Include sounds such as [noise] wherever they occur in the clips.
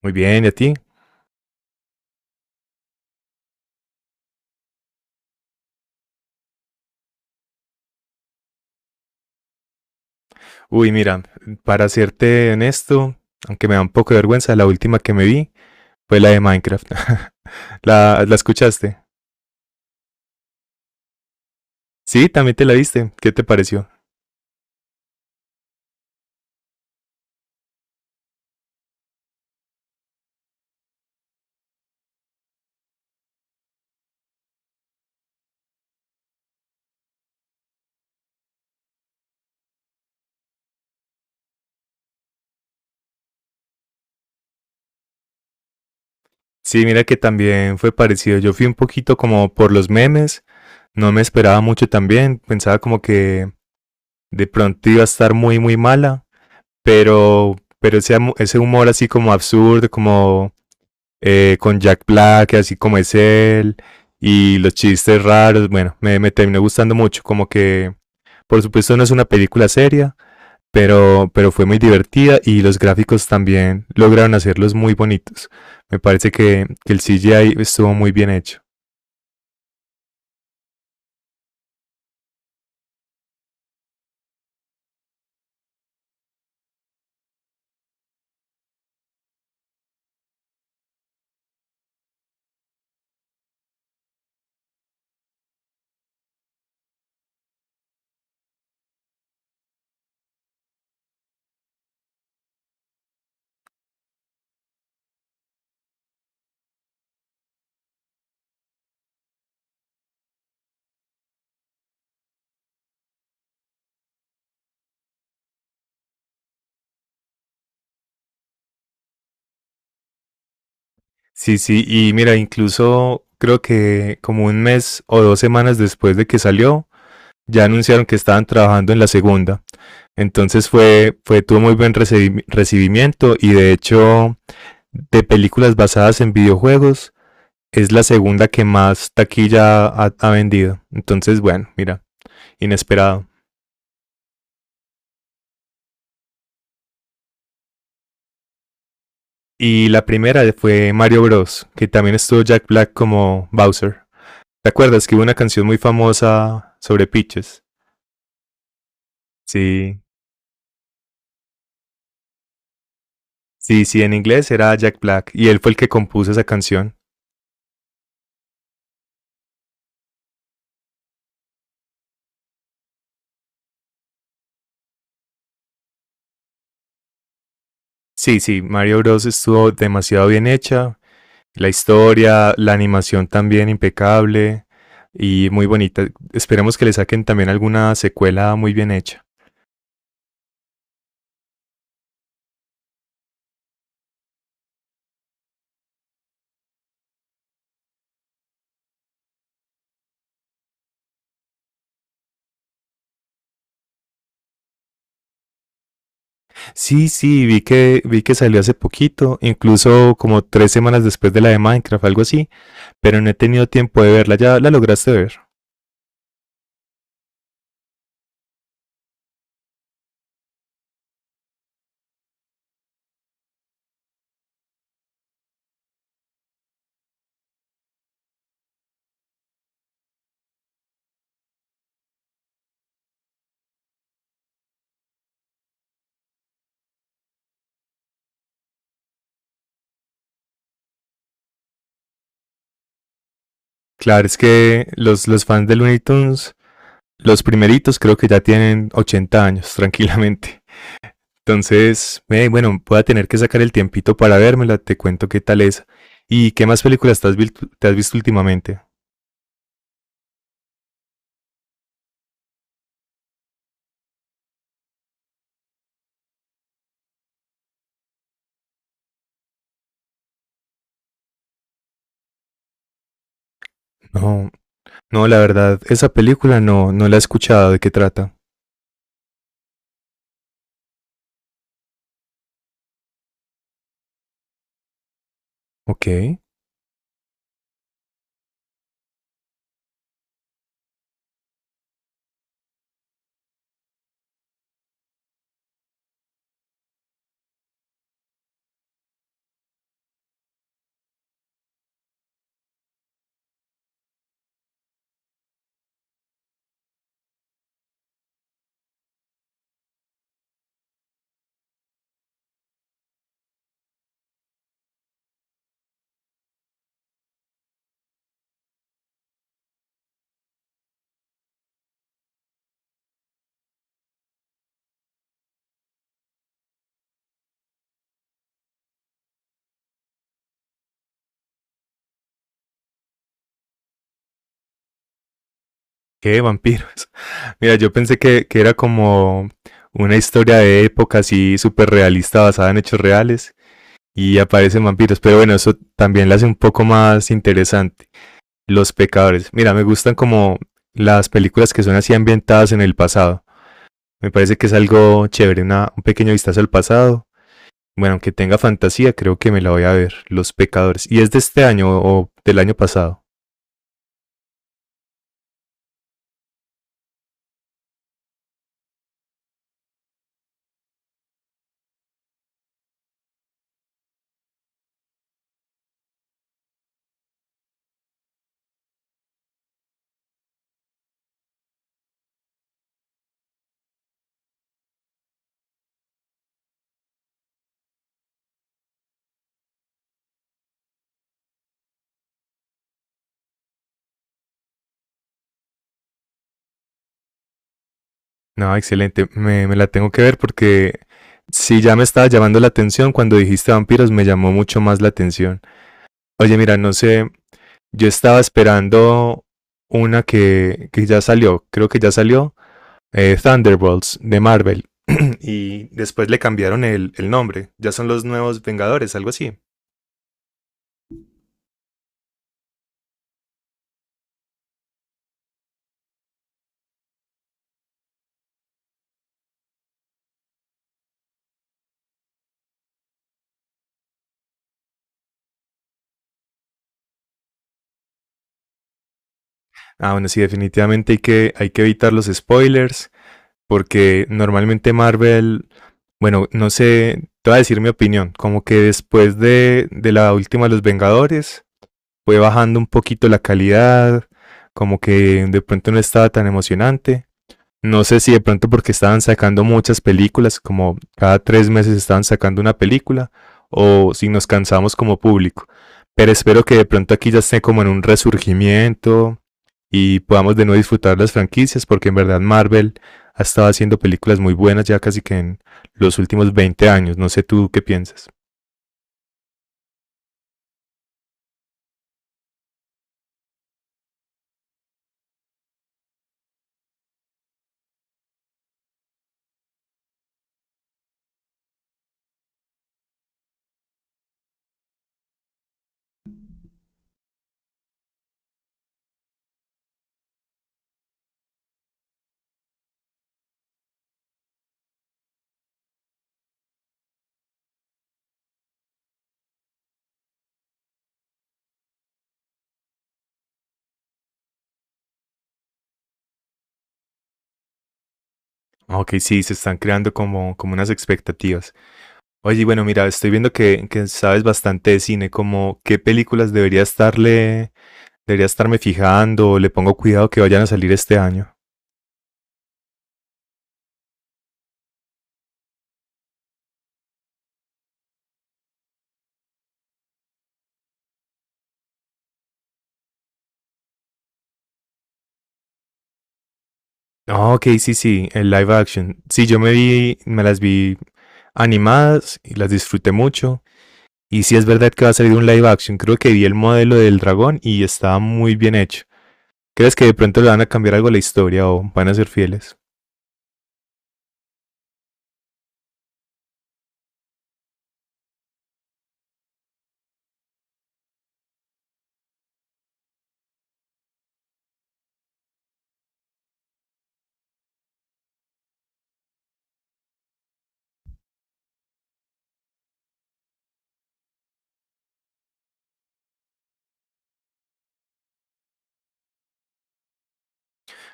Muy bien, ¿y a ti? Uy, mira, para serte honesto, aunque me da un poco de vergüenza, la última que me vi fue la de Minecraft. [laughs] ¿La escuchaste? Sí, también te la viste. ¿Qué te pareció? Sí, mira que también fue parecido. Yo fui un poquito como por los memes, no me esperaba mucho también, pensaba como que de pronto iba a estar muy, muy mala, pero ese, ese humor así como absurdo, como con Jack Black, así como es él, y los chistes raros, bueno, me terminó gustando mucho, como que por supuesto no es una película seria, pero fue muy divertida y los gráficos también lograron hacerlos muy bonitos. Me parece que el CGI estuvo muy bien hecho. Sí, sí, y mira, incluso creo que como un mes o 2 semanas después de que salió, ya anunciaron que estaban trabajando en la segunda. Entonces fue, fue tuvo muy buen recibimiento y de hecho, de películas basadas en videojuegos, es la segunda que más taquilla ha vendido. Entonces, bueno, mira, inesperado. Y la primera fue Mario Bros, que también estuvo Jack Black como Bowser. ¿Te acuerdas que hubo una canción muy famosa sobre pitches? Sí, sí, sí, en inglés era Jack Black y él fue el que compuso esa canción. Sí, sí, Mario Bros estuvo demasiado bien hecha. La historia, la animación también impecable y muy bonita. Esperemos que le saquen también alguna secuela muy bien hecha. Sí, sí, vi que salió hace poquito, incluso como 3 semanas después de la de Minecraft, algo así, pero no he tenido tiempo de verla. ¿Ya la lograste ver? Claro, es que los fans de Looney Tunes, los primeritos, creo que ya tienen 80 años, [laughs] tranquilamente. Entonces, bueno, voy a tener que sacar el tiempito para vérmela, te cuento qué tal es. ¿Y qué más películas te has visto últimamente? No, no, la verdad, esa película no la he escuchado. ¿De qué trata? Ok, ¿qué vampiros? [laughs] Mira, yo pensé que era como una historia de época así súper realista, basada en hechos reales, y aparecen vampiros, pero bueno, eso también la hace un poco más interesante. Los Pecadores, mira, me gustan como las películas que son así ambientadas en el pasado. Me parece que es algo chévere, un pequeño vistazo al pasado. Bueno, aunque tenga fantasía, creo que me la voy a ver, Los Pecadores. ¿Y es de este año o del año pasado? No, excelente, me la tengo que ver porque si ya me estaba llamando la atención cuando dijiste vampiros, me llamó mucho más la atención. Oye, mira, no sé, yo estaba esperando una que ya salió, creo que ya salió, Thunderbolts de Marvel. [clears throat] Y después le cambiaron el nombre, ya son los nuevos Vengadores, algo así. Ah, bueno, sí, definitivamente hay que evitar los spoilers, porque normalmente Marvel, bueno, no sé, te voy a decir mi opinión, como que después de la última de Los Vengadores fue bajando un poquito la calidad, como que de pronto no estaba tan emocionante. No sé si de pronto porque estaban sacando muchas películas, como cada 3 meses estaban sacando una película, o si nos cansamos como público. Pero espero que de pronto aquí ya esté como en un resurgimiento, y podamos de nuevo disfrutar las franquicias, porque en verdad Marvel ha estado haciendo películas muy buenas ya casi que en los últimos 20 años. No sé tú qué piensas. Ok, sí, se están creando como unas expectativas. Oye, bueno, mira, estoy viendo que sabes bastante de cine, como qué películas debería estarme fijando, o le pongo cuidado que vayan a salir este año. Ok, sí, sí, el live action. Sí, me las vi animadas y las disfruté mucho. Y si es verdad que va a salir un live action, creo que vi el modelo del dragón y estaba muy bien hecho. ¿Crees que de pronto le van a cambiar algo a la historia o van a ser fieles?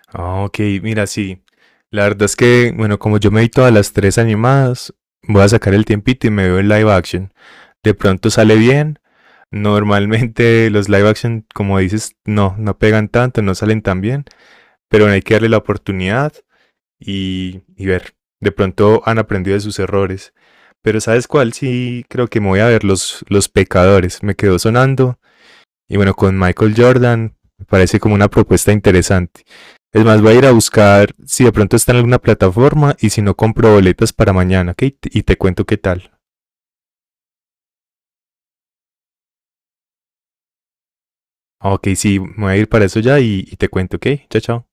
Ah, ok, mira, sí. La verdad es que, bueno, como yo me vi todas las tres animadas, voy a sacar el tiempito y me veo el live action. De pronto sale bien. Normalmente [laughs] los live action, como dices, no, no pegan tanto, no salen tan bien. Pero bueno, hay que darle la oportunidad y ver. De pronto han aprendido de sus errores. Pero ¿sabes cuál? Sí, creo que me voy a ver los Pecadores. Me quedó sonando. Y bueno, con Michael Jordan me parece como una propuesta interesante. Es más, voy a ir a buscar si de pronto está en alguna plataforma y si no compro boletas para mañana, ¿ok? Y te cuento qué tal. Ok, sí, me voy a ir para eso ya y te cuento, ¿ok? Chao, chao.